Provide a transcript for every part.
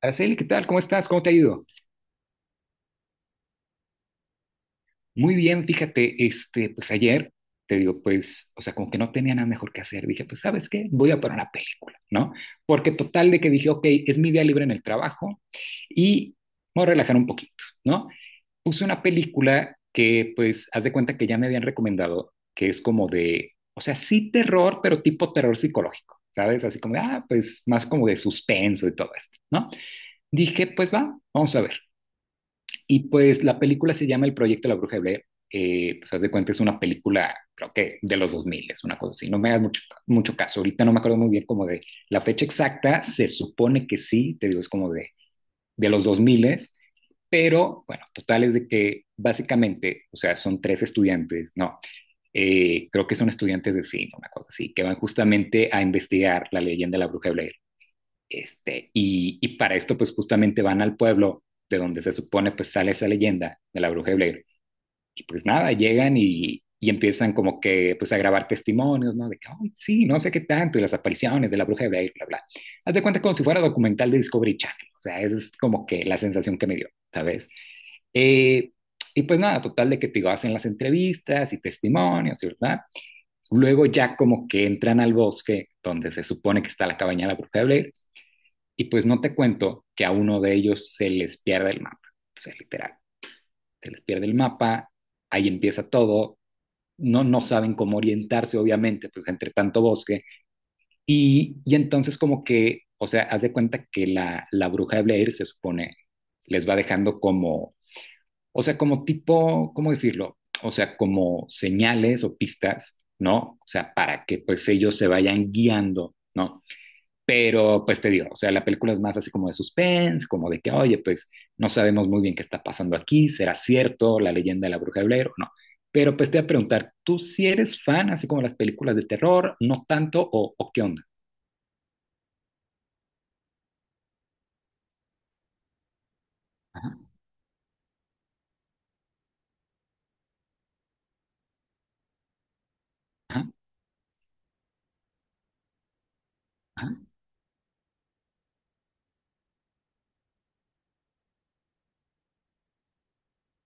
Araceli, ¿qué tal? ¿Cómo estás? ¿Cómo te ha ido? Muy bien, fíjate, pues ayer te digo, pues, o sea, como que no tenía nada mejor que hacer. Dije, pues, ¿sabes qué? Voy a poner una película, ¿no? Porque total de que dije, ok, es mi día libre en el trabajo y me voy a relajar un poquito, ¿no? Puse una película que, pues, haz de cuenta que ya me habían recomendado, que es como de, o sea, sí terror, pero tipo terror psicológico, ¿sabes? Así como, de, pues, más como de suspenso y todo esto, ¿no? Dije, pues va, vamos a ver. Y pues la película se llama El Proyecto de la Bruja de Blair. Pues haz de cuenta, es una película, creo que de los 2000 es una cosa así. No me hagas mucho, mucho caso. Ahorita no me acuerdo muy bien como de la fecha exacta. Se supone que sí, te digo, es como de los 2000, pero bueno, total es de que básicamente, o sea, son tres estudiantes, no, creo que son estudiantes de cine, una cosa así, que van justamente a investigar la leyenda de la Bruja de Blair y para esto, pues justamente van al pueblo de donde se supone pues sale esa leyenda de la bruja de Blair. Y pues nada, llegan y empiezan como que pues a grabar testimonios, ¿no? De que, "Ay, sí, no sé qué tanto, y las apariciones de la bruja de Blair, bla, bla. Haz de cuenta como si fuera documental de Discovery Channel, o sea, esa es como que la sensación que me dio, ¿sabes? Eh, y pues nada, total de que te digo, hacen las entrevistas y testimonios, ¿verdad? Luego ya como que entran al bosque donde se supone que está la cabaña de la bruja de Blair y pues no te cuento que a uno de ellos se les pierde el mapa, o sea, literal, se les pierde el mapa, ahí empieza todo, no, no saben cómo orientarse, obviamente, pues entre tanto bosque, y entonces como que, o sea, haz de cuenta que la bruja de Blair se supone les va dejando como, o sea, como tipo, ¿cómo decirlo? O sea, como señales o pistas, ¿no? O sea, para que pues ellos se vayan guiando, ¿no? Pero pues te digo, o sea, la película es más así como de suspense, como de que, oye, pues no sabemos muy bien qué está pasando aquí, será cierto la leyenda de la bruja de Blair o no. Pero pues te voy a preguntar, ¿tú si sí eres fan así como de las películas de terror, no tanto o qué onda? Ajá, ajá, ajá,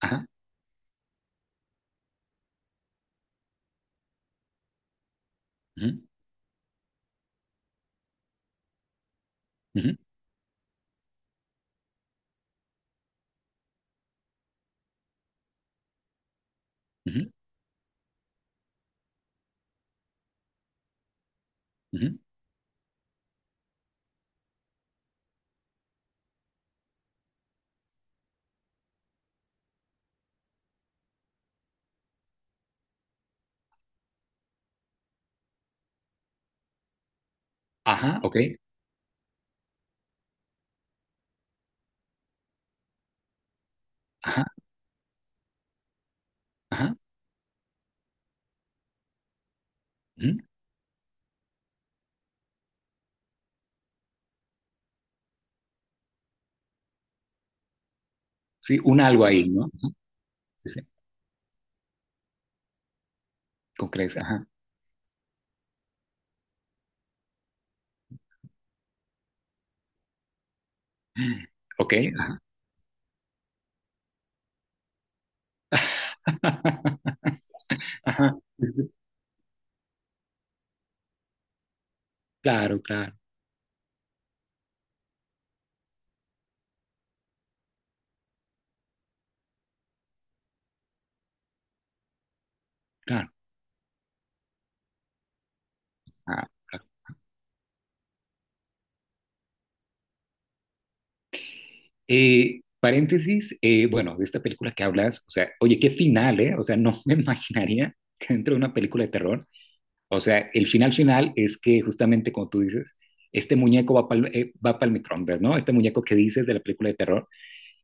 ajá, ujú, ujú, ujú, ujú, ajá, ok, ajá, ajá, ujú. Sí, un algo ahí, ¿no? Ajá, sí, sí, con creces, ajá, ok, ajá, ajá, sí, sí, sí. Claro, claro, claro, ajá. Paréntesis, bueno, de esta película que hablas, o sea, oye, qué final, ¿eh? O sea, no me imaginaría que dentro de una película de terror, o sea, el final final es que justamente como tú dices, este muñeco va para el, microondas, ¿no? Este muñeco que dices de la película de terror,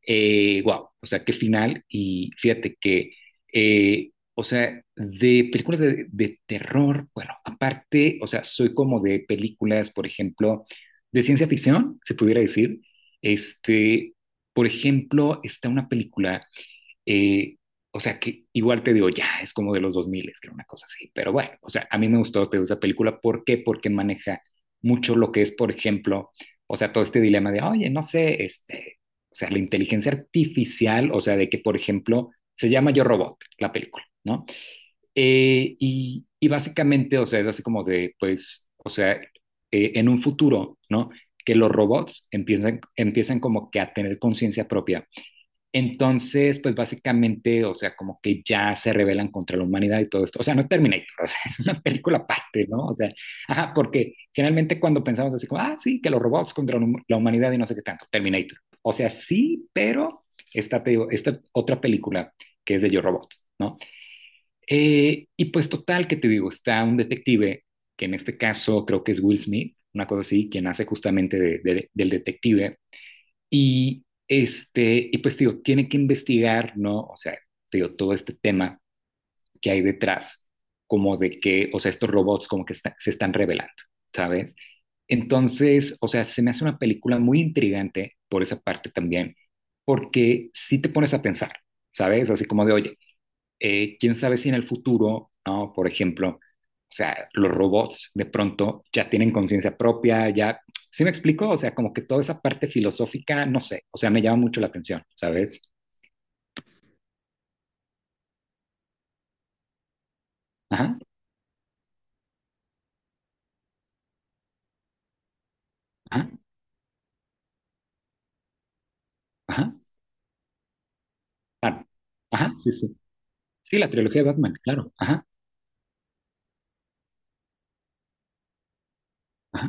wow, o sea, qué final. Y fíjate que, o sea, de películas de terror, bueno, aparte, o sea, soy como de películas, por ejemplo, de ciencia ficción, se pudiera decir. Este, por ejemplo, está una película eh, o sea que igual te digo, ya es como de los dos es que era una cosa así. Pero bueno, o sea, a mí me gustó, te gusta la película. ¿Por qué? Porque maneja mucho lo que es, por ejemplo, o sea, todo este dilema de, oye, no sé, este, o sea, la inteligencia artificial, o sea, de que, por ejemplo, se llama Yo Robot, la película, ¿no? Y básicamente, o sea, es así como de, pues, o sea, en un futuro, ¿no? Que los robots empiezan como que a tener conciencia propia entonces, pues básicamente, o sea, como que ya se rebelan contra la humanidad y todo esto. O sea, no es Terminator, o sea, es una película aparte, ¿no? O sea, ajá, porque generalmente cuando pensamos así como, ah, sí, que los robots contra la hum- la humanidad y no sé qué tanto, Terminator. O sea, sí, pero esta, te digo, esta otra película que es de Yo Robot, ¿no? Y pues total, que te digo, está un detective, que en este caso creo que es Will Smith, una cosa así, quien hace justamente del detective y este, y pues digo, tiene que investigar, ¿no? O sea, digo, todo este tema que hay detrás, como de que, o sea, estos robots como que se están revelando, ¿sabes? Entonces, o sea, se me hace una película muy intrigante por esa parte también, porque si te pones a pensar, ¿sabes? Así como de, oye, quién sabe si en el futuro, ¿no? Por ejemplo, o sea, los robots de pronto ya tienen conciencia propia, ya, ¿sí me explico? O sea, como que toda esa parte filosófica, no sé, o sea, me llama mucho la atención, ¿sabes? Ajá, ajá, ajá, claro, ajá, sí, sí. Sí, la trilogía de Batman, claro, ajá, ajá,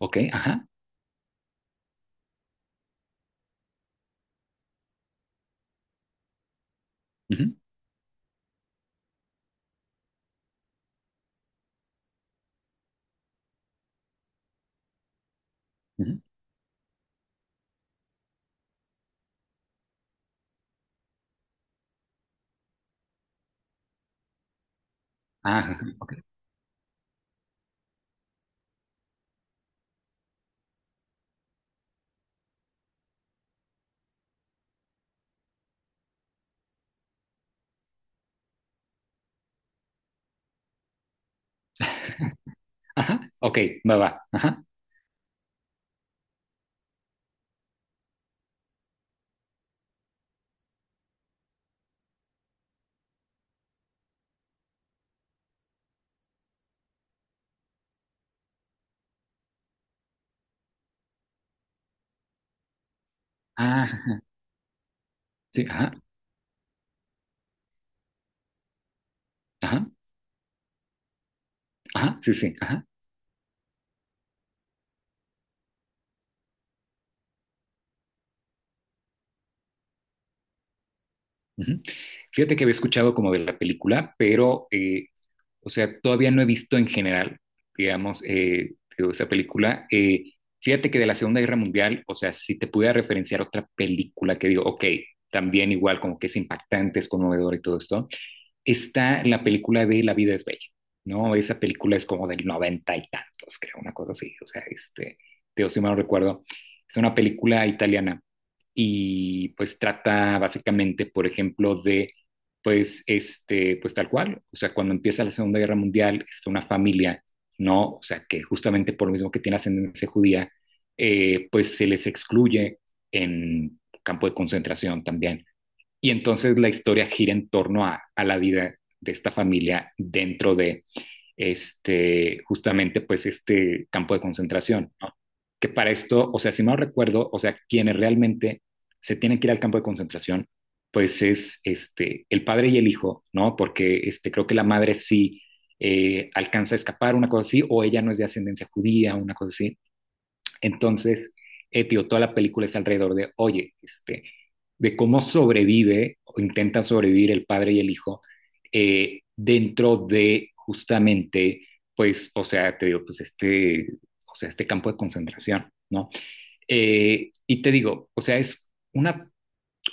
ok, ajá, ujú, ujú, ajá, ajá, ok, va, va, ajá, ajá, sí, ajá, ajá, ajá, sí, sí, ajá. Ujú. Fíjate que había escuchado como de la película, pero, o sea, todavía no he visto en general, digamos, digo, esa película. Fíjate que de la Segunda Guerra Mundial, o sea, si te pudiera referenciar otra película que digo, ok, también igual, como que es impactante, es conmovedor y todo esto está la película de La vida es bella, ¿no? Esa película es como del noventa y tantos, creo, una cosa así, o sea, este, de si mal no recuerdo, es una película italiana y pues trata básicamente, por ejemplo, de, pues, este, pues tal cual, o sea, cuando empieza la Segunda Guerra Mundial, está una familia, ¿no? O sea, que justamente por lo mismo que tiene ascendencia judía, pues se les excluye en campo de concentración también. Y entonces la historia gira en torno a la vida de esta familia dentro de este, justamente pues este campo de concentración, ¿no? Que para esto, o sea, si mal recuerdo, o sea, quienes realmente se tienen que ir al campo de concentración, pues es este, el padre y el hijo, ¿no? Porque este, creo que la madre sí alcanza a escapar, una cosa así, o ella no es de ascendencia judía, una cosa así. Entonces, tío, toda la película es alrededor de, oye, este, de cómo sobrevive o intenta sobrevivir el padre y el hijo dentro de justamente, pues, o sea, te digo, pues este, o sea, este campo de concentración, ¿no? Y te digo, o sea, es una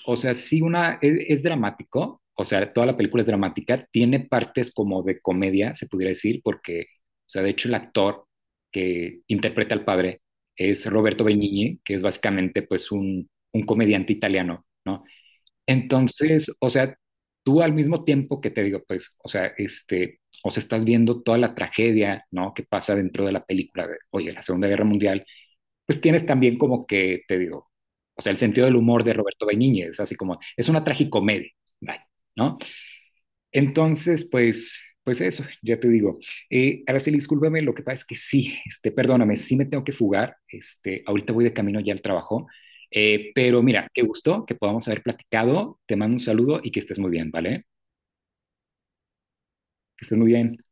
o sea, sí una, es dramático, o sea, toda la película es dramática, tiene partes como de comedia, se pudiera decir, porque, o sea, de hecho el actor que interpreta al padre es Roberto Benigni, que es básicamente pues un comediante italiano, ¿no? Entonces, o sea, tú al mismo tiempo que te digo, pues, o sea, este, o sea, estás viendo toda la tragedia, ¿no? Que pasa dentro de la película de, oye, la Segunda Guerra Mundial, pues tienes también como que, te digo, o sea, el sentido del humor de Roberto Benigni, así como, es una tragicomedia, vaya, ¿no? Entonces, pues, pues eso, ya te digo. Araceli, discúlpame, lo que pasa es que sí, este, perdóname, sí me tengo que fugar, este, ahorita voy de camino ya al trabajo, pero mira, qué gusto que podamos haber platicado, te mando un saludo y que estés muy bien, ¿vale? Que estés muy bien.